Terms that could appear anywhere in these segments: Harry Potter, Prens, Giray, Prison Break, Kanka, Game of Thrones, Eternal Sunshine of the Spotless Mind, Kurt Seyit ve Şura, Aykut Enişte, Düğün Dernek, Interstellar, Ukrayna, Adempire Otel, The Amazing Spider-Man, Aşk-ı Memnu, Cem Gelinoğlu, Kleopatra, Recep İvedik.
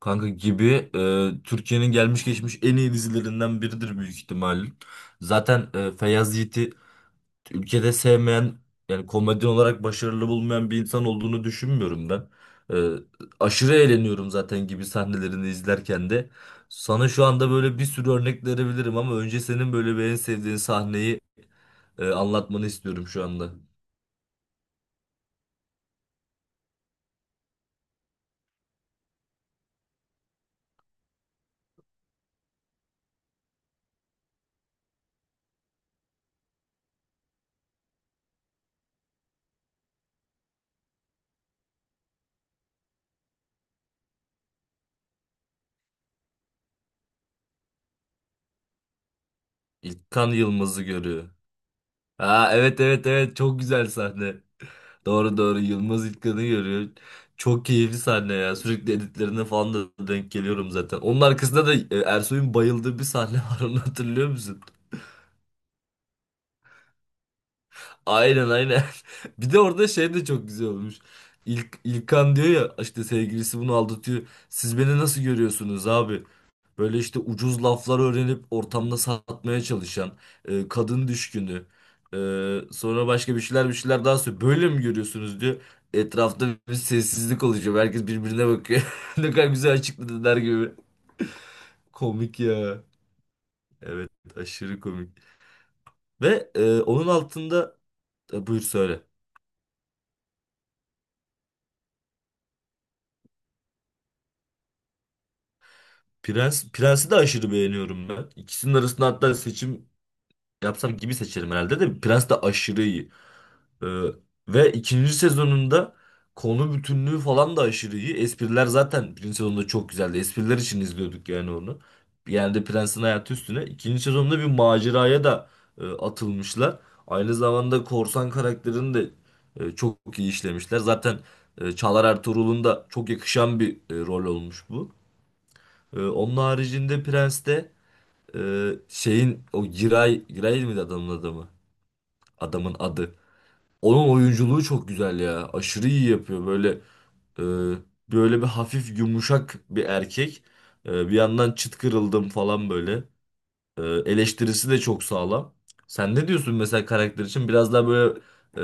Kanka gibi Türkiye'nin gelmiş geçmiş en iyi dizilerinden biridir büyük ihtimalle. Zaten Feyyaz Yiğit'i ülkede sevmeyen yani komedyen olarak başarılı bulmayan bir insan olduğunu düşünmüyorum ben. E, Aşırı eğleniyorum zaten gibi sahnelerini izlerken de. Sana şu anda böyle bir sürü örnek verebilirim ama önce senin böyle bir en sevdiğin sahneyi anlatmanı istiyorum şu anda. İlkan Yılmaz'ı görüyor. Aa, evet evet evet çok güzel sahne. Doğru doğru Yılmaz İlkan'ı görüyor. Çok keyifli sahne ya. Sürekli editlerine falan da denk geliyorum zaten. Onun arkasında da Ersoy'un bayıldığı bir sahne var onu hatırlıyor musun? Aynen aynen. Bir de orada şey de çok güzel olmuş. İlkan diyor ya işte sevgilisi bunu aldatıyor. Siz beni nasıl görüyorsunuz abi? Böyle işte ucuz laflar öğrenip ortamda satmaya çalışan, kadın düşkünü, e, sonra başka bir şeyler daha söylüyor. Böyle mi görüyorsunuz diyor. Etrafta bir sessizlik oluşuyor. Herkes birbirine bakıyor. Ne kadar güzel açıkladılar gibi. Komik ya. Evet, aşırı komik. Ve onun altında buyur söyle. Prens'i de aşırı beğeniyorum ben. İkisinin arasında hatta seçim yapsam gibi seçerim herhalde de Prens de aşırı iyi. Ee, Ve ikinci sezonunda konu bütünlüğü falan da aşırı iyi. Espriler zaten birinci sezonda çok güzeldi. Espriler için izliyorduk yani onu. Yani de Prens'in hayatı üstüne. İkinci sezonda bir maceraya da atılmışlar. Aynı zamanda korsan karakterini de çok iyi işlemişler. Zaten Çağlar Ertuğrul'un da çok yakışan bir rol olmuş bu. Onun haricinde Prens'te şeyin o Giray miydi adamın adamı? Adamın adı. Onun oyunculuğu çok güzel ya. Aşırı iyi yapıyor. E, böyle bir hafif yumuşak bir erkek. Bir yandan çıt kırıldım falan böyle. E, Eleştirisi de çok sağlam. Sen ne diyorsun mesela karakter için? Biraz daha böyle e,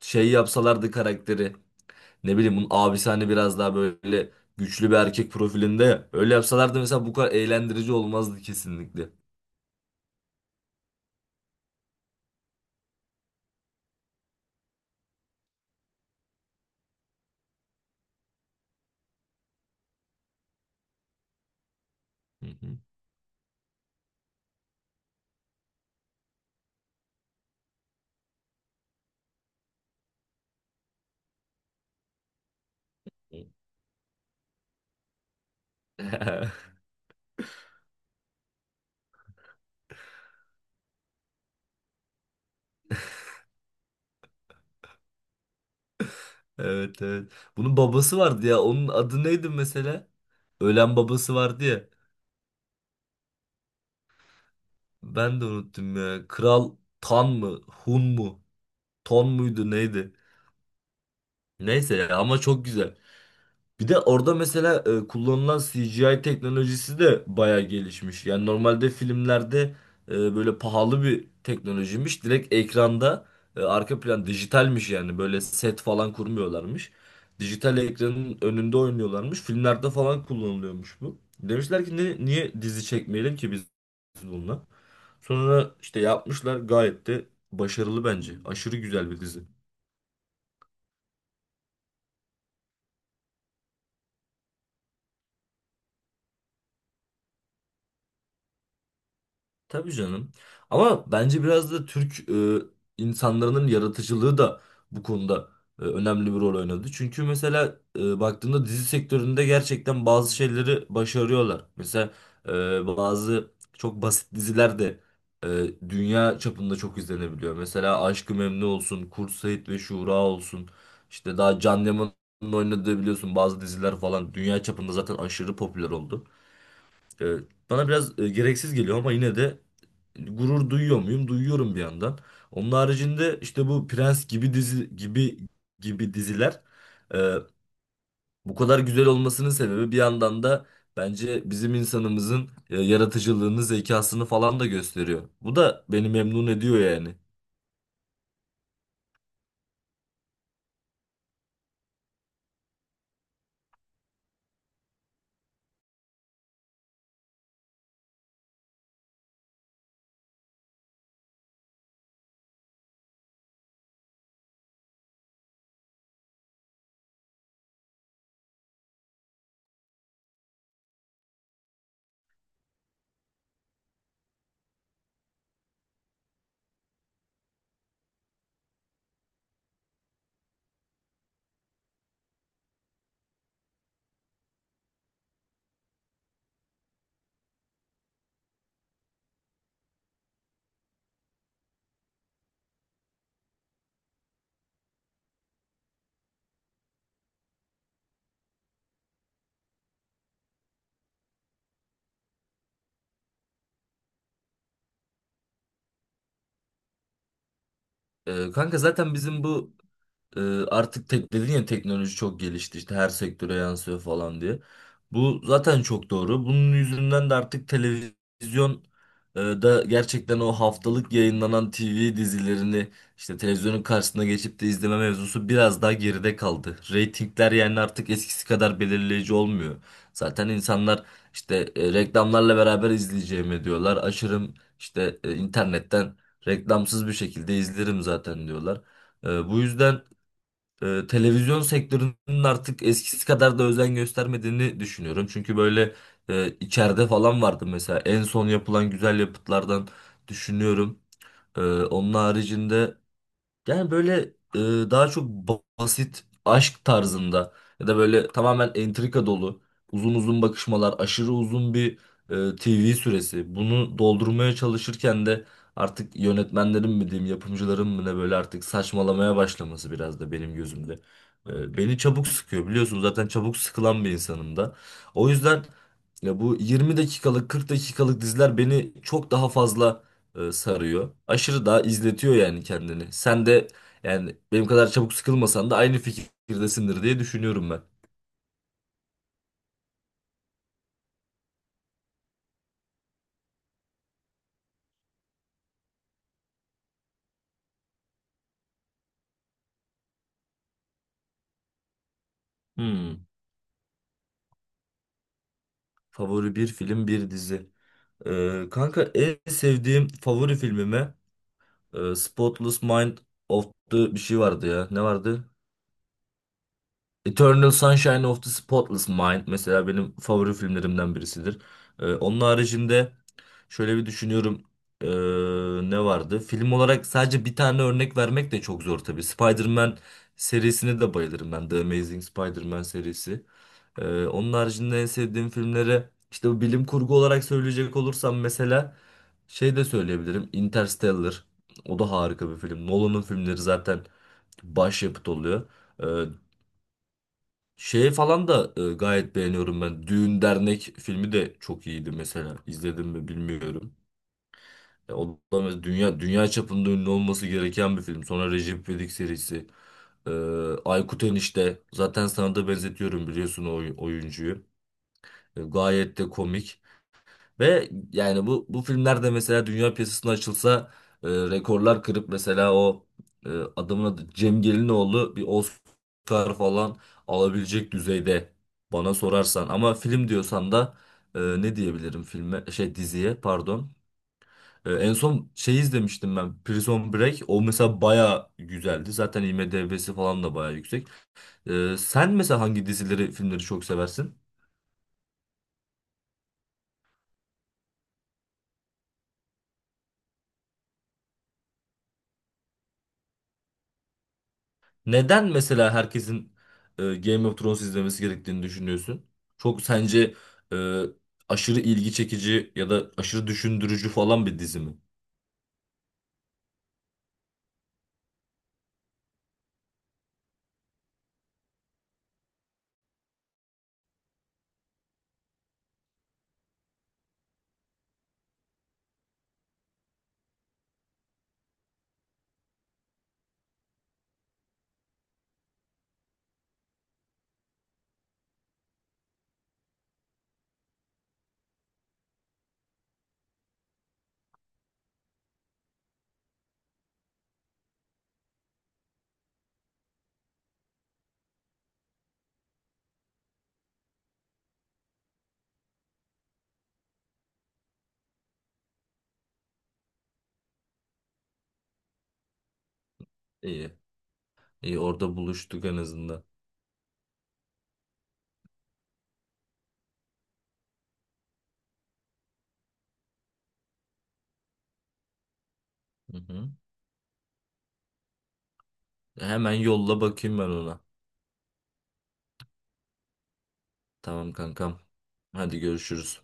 şey yapsalardı karakteri. Ne bileyim bunun abisi hani biraz daha böyle güçlü bir erkek profilinde ya. Öyle yapsalardı mesela bu kadar eğlendirici olmazdı kesinlikle. Hı hı. Evet evet. Bunun babası vardı ya. Onun adı neydi mesela? Ölen babası vardı ya. Ben de unuttum ya. Kral Tan mı? Hun mu? Ton muydu neydi? Neyse ya ama çok güzel. Bir de orada mesela kullanılan CGI teknolojisi de baya gelişmiş. Yani normalde filmlerde böyle pahalı bir teknolojiymiş. Direkt ekranda arka plan dijitalmiş yani. Böyle set falan kurmuyorlarmış. Dijital ekranın önünde oynuyorlarmış. Filmlerde falan kullanılıyormuş bu. Demişler ki "Niye dizi çekmeyelim ki biz bununla? Sonra işte yapmışlar gayet de başarılı bence. Aşırı güzel bir dizi. Tabii canım. Ama bence biraz da Türk insanların yaratıcılığı da bu konuda önemli bir rol oynadı. Çünkü mesela baktığında dizi sektöründe gerçekten bazı şeyleri başarıyorlar. Mesela bazı çok basit diziler de dünya çapında çok izlenebiliyor. Mesela Aşk-ı Memnu olsun, Kurt Seyit ve Şura olsun. İşte daha Can Yaman'ın oynadığı biliyorsun bazı diziler falan dünya çapında zaten aşırı popüler oldu. E, Bana biraz gereksiz geliyor ama yine de gurur duyuyor muyum? Duyuyorum bir yandan. Onun haricinde işte bu Prens gibi dizi gibi gibi diziler e, bu kadar güzel olmasının sebebi bir yandan da bence bizim insanımızın yaratıcılığını, zekasını falan da gösteriyor. Bu da beni memnun ediyor yani. Kanka zaten bizim bu Ee, artık tek dedin ya teknoloji çok gelişti işte her sektöre yansıyor falan diye. Bu zaten çok doğru. Bunun yüzünden de artık televizyon da gerçekten o haftalık yayınlanan TV dizilerini işte televizyonun karşısına geçip de izleme mevzusu biraz daha geride kaldı. Reytingler yani artık eskisi kadar belirleyici olmuyor. Zaten insanlar işte reklamlarla beraber izleyeceğimi diyorlar. Açarım işte internetten reklamsız bir şekilde izlerim zaten diyorlar. Bu yüzden televizyon sektörünün artık eskisi kadar da özen göstermediğini düşünüyorum. Çünkü böyle içeride falan vardı mesela en son yapılan güzel yapıtlardan düşünüyorum. Onun haricinde yani böyle e, daha çok basit aşk tarzında ya da böyle tamamen entrika dolu uzun uzun bakışmalar, aşırı uzun bir TV süresi. Bunu doldurmaya çalışırken de artık yönetmenlerin mi diyeyim, yapımcıların mı ne böyle artık saçmalamaya başlaması biraz da benim gözümde. Beni çabuk sıkıyor biliyorsun zaten çabuk sıkılan bir insanım da. O yüzden ya bu 20 dakikalık 40 dakikalık diziler beni çok daha fazla sarıyor. Aşırı daha izletiyor yani kendini. Sen de yani benim kadar çabuk sıkılmasan da aynı fikirdesindir diye düşünüyorum ben. Hmm. Favori bir film, bir dizi. Kanka en sevdiğim favori filmime Spotless Mind of the bir şey vardı ya. Ne vardı? Eternal Sunshine of the Spotless Mind mesela benim favori filmlerimden birisidir. Onun haricinde şöyle bir düşünüyorum. Ne vardı? Film olarak sadece bir tane örnek vermek de çok zor tabii. Spider-Man serisine de bayılırım ben. The Amazing Spider-Man serisi. Onun haricinde en sevdiğim filmlere işte bu bilim kurgu olarak söyleyecek olursam mesela şey de söyleyebilirim. Interstellar. O da harika bir film. Nolan'ın filmleri zaten başyapıt oluyor. Ee, Şey falan da gayet beğeniyorum ben. Düğün Dernek filmi de çok iyiydi mesela. İzledim mi bilmiyorum. O da dünya çapında ünlü olması gereken bir film. Sonra Recep İvedik serisi. E, Aykut Enişte. Zaten sana da benzetiyorum biliyorsun o oyuncuyu. Gayet de komik. Ve yani bu filmler de mesela dünya piyasasına açılsa rekorlar kırıp mesela o e, adamın adı Cem Gelinoğlu bir Oscar falan alabilecek düzeyde bana sorarsan. Ama film diyorsan da ne diyebilirim filme şey diziye pardon. En son şey izlemiştim ben Prison Break. O mesela baya güzeldi. Zaten IMDb'si falan da baya yüksek. Sen mesela hangi dizileri filmleri çok seversin? Neden mesela herkesin Game of Thrones izlemesi gerektiğini düşünüyorsun? Çok sence e, aşırı ilgi çekici ya da aşırı düşündürücü falan bir dizi mi? İyi. İyi orada buluştuk en azından. Hı hı. Hemen yolla bakayım ben ona. Tamam kankam. Hadi görüşürüz.